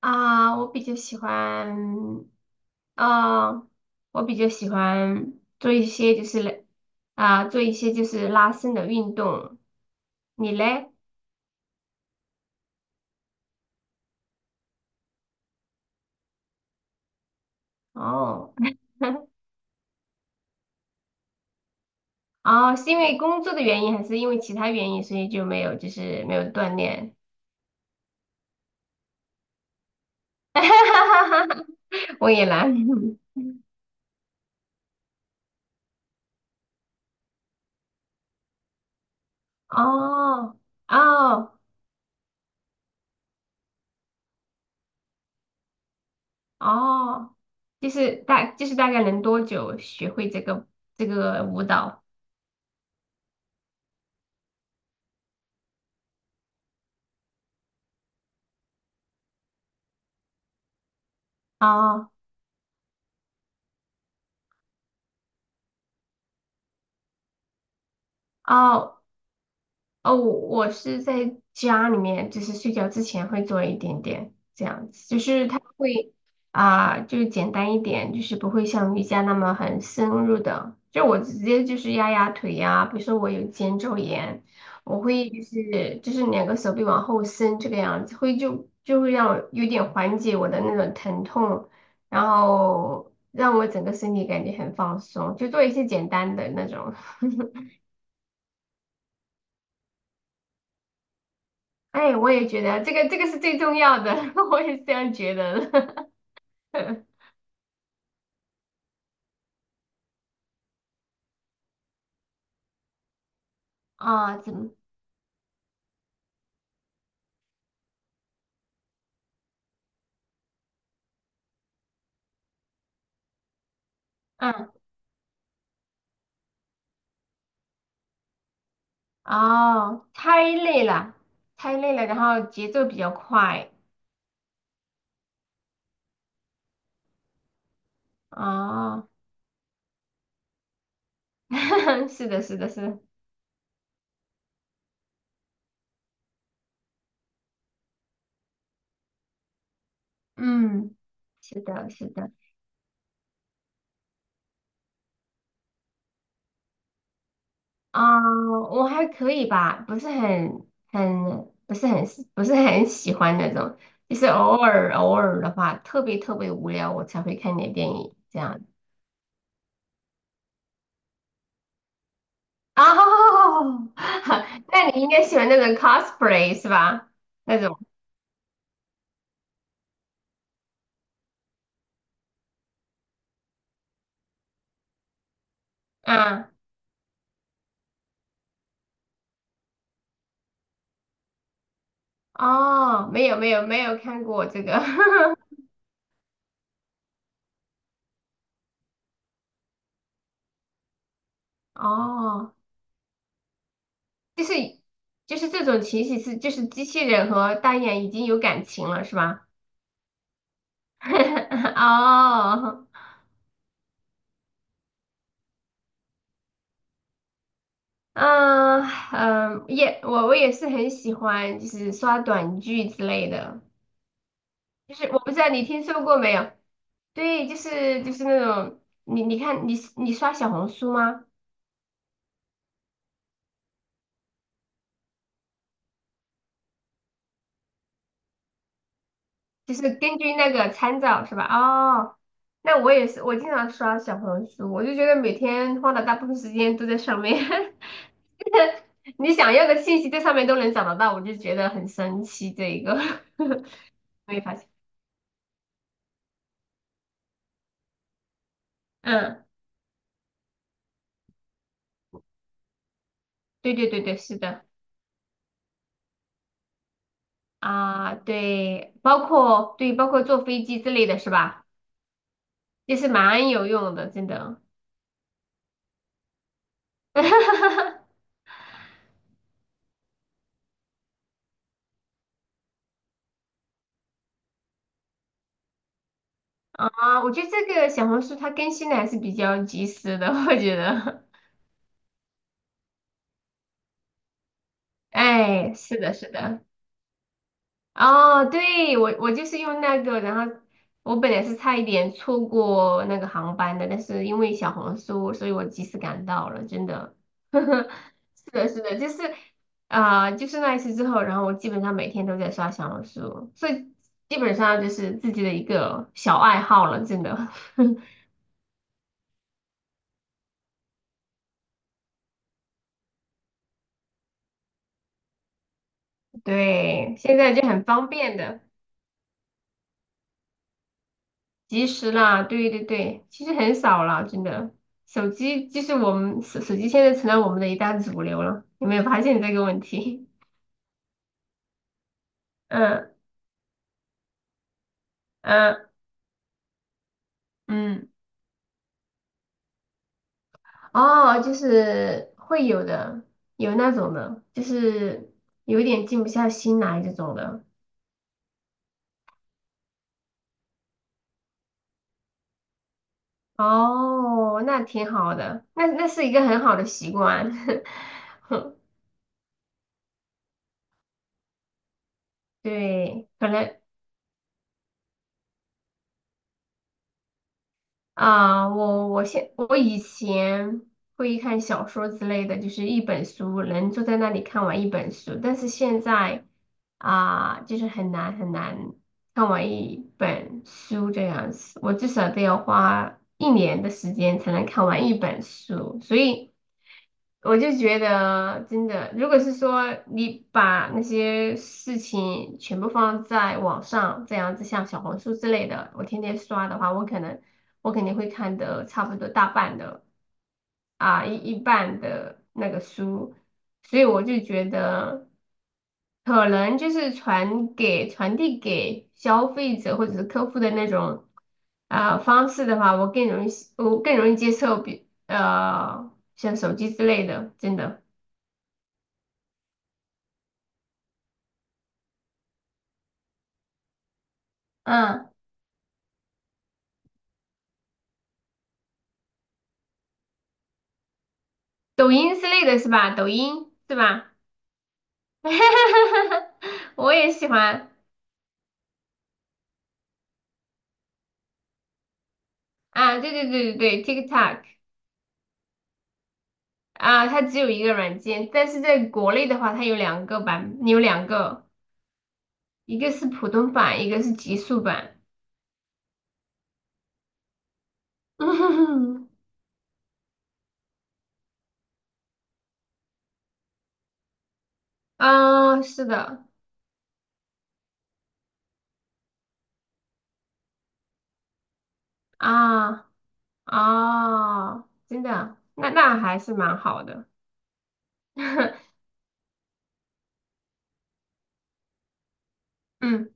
啊，啊，我比较喜欢做一些就是来做一些就是拉伸的运动。你嘞？哦，哦，是因为工作的原因，还是因为其他原因，所以就没有锻炼？我也来。哦，哦，哦，就是大就是大概能多久学会这个舞蹈？哦哦，哦，我是在家里面，就是睡觉之前会做一点点这样子，就是它会啊、就是简单一点，就是不会像瑜伽那么很深入的。就我直接就是压压腿呀、比如说我有肩周炎，我会两个手臂往后伸这个样子，会就会让我有点缓解我的那种疼痛，然后让我整个身体感觉很放松，就做一些简单的那种。哎，我也觉得这个是最重要的，我也是这样觉得的。怎么？嗯，哦，太累了，太累了，然后节奏比较快。哦，是的，是的，是的，嗯，是的，是的。啊、我还可以吧，不是很喜欢那种，就是偶尔偶尔的话，特别特别无聊，我才会看点电影这样。哦，那你应该喜欢那种 cosplay 是吧？那种，啊，哦，没有没有没有看过这个。哦，就是这种情形是机器人和单眼已经有感情了是吧？哦，嗯嗯，我也是很喜欢就是刷短剧之类的，就是我不知道你听说过没有？对，那种你看你刷小红书吗？就是根据那个参照是吧？哦，那我也是，我经常刷小红书，我就觉得每天花的大部分时间都在上面。你想要的信息在上面都能找得到，我就觉得很神奇。这一个 没发现。嗯，对对对对，是的。啊，对，包括坐飞机之类的是吧？也是蛮有用的，真的。啊，我觉得这个小红书它更新的还是比较及时的，我觉得。哎，是的，是的。哦，对，我就是用那个，然后我本来是差一点错过那个航班的，但是因为小红书，所以我及时赶到了，真的。是的，是的，就是就是那一次之后，然后我基本上每天都在刷小红书，所以基本上就是自己的一个小爱好了，真的。对，现在就很方便的。及时啦，对对对，其实很少啦，真的。手机就是我们手机现在成了我们的一大主流了，有没有发现这个问题？嗯嗯嗯，哦，就是会有的，有那种的，就是有点静不下心来这种的。哦，那挺好的，那是一个很好的习惯。对，可能。啊，我以前会看小说之类的，就是一本书能坐在那里看完一本书，但是现在啊，就是很难很难看完一本书这样子，我至少都要花一年的时间才能看完一本书，所以。我就觉得真的，如果是说你把那些事情全部放在网上，这样子像小红书之类的，我天天刷的话，我可能我肯定会看的差不多大半的。一半的那个书，所以我就觉得可能就是传递给消费者或者是客户的那种方式的话，我更容易接受像手机之类的，真的。嗯，抖音之类的是吧？抖音是吧？我也喜欢。啊，对对对对对，TikTok。啊，它只有一个软件，但是在国内的话，它有两个版，有两个，一个是普通版，一个是极速版。啊，是的，啊啊，真的，那还是蛮好的。嗯，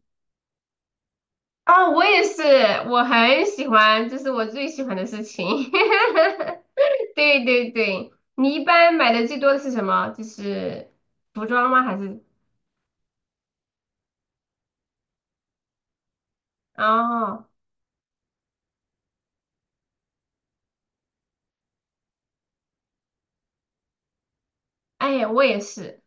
啊，我也是，我很喜欢，这是我最喜欢的事情。对对对，你一般买的最多的是什么？就是服装吗？还是？哦，哎，我也是。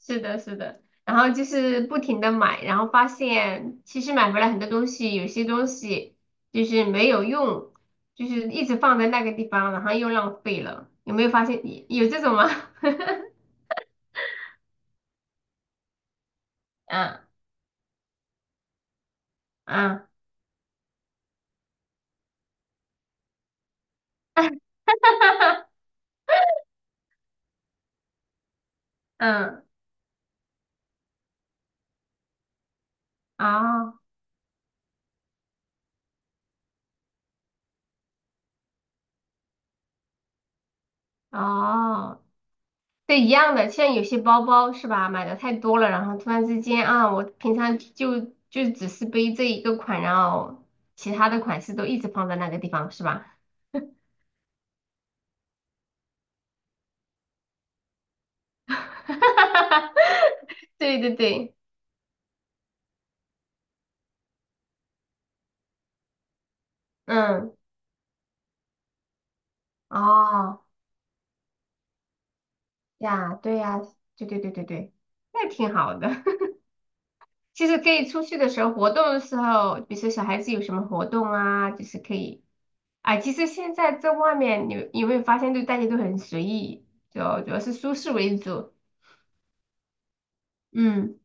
是的，是的，然后就是不停的买，然后发现其实买回来很多东西，有些东西就是没有用，就是一直放在那个地方，然后又浪费了。有没有发现你有这种吗？嗯嗯嗯，啊啊，对，一样的。像有些包包是吧，买的太多了，然后突然之间啊，我平常就只是背这一个款，然后其他的款式都一直放在那个地方是吧？对对对，嗯，哦，呀，对呀，对对对对对，那挺好的。其实可以出去的时候，活动的时候，比如说小孩子有什么活动啊，就是可以。啊。其实现在在外面，你有没有发现，就大家都很随意，就主要是舒适为主。嗯，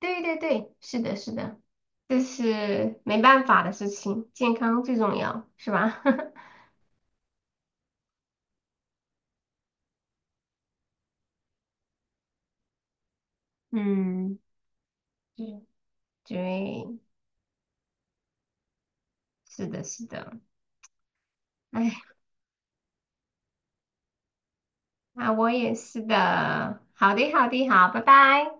对对对，是的，是的。这是没办法的事情，健康最重要，是吧？嗯，对对，是的，是的。哎，那我也是的。好的，好的，好，拜拜。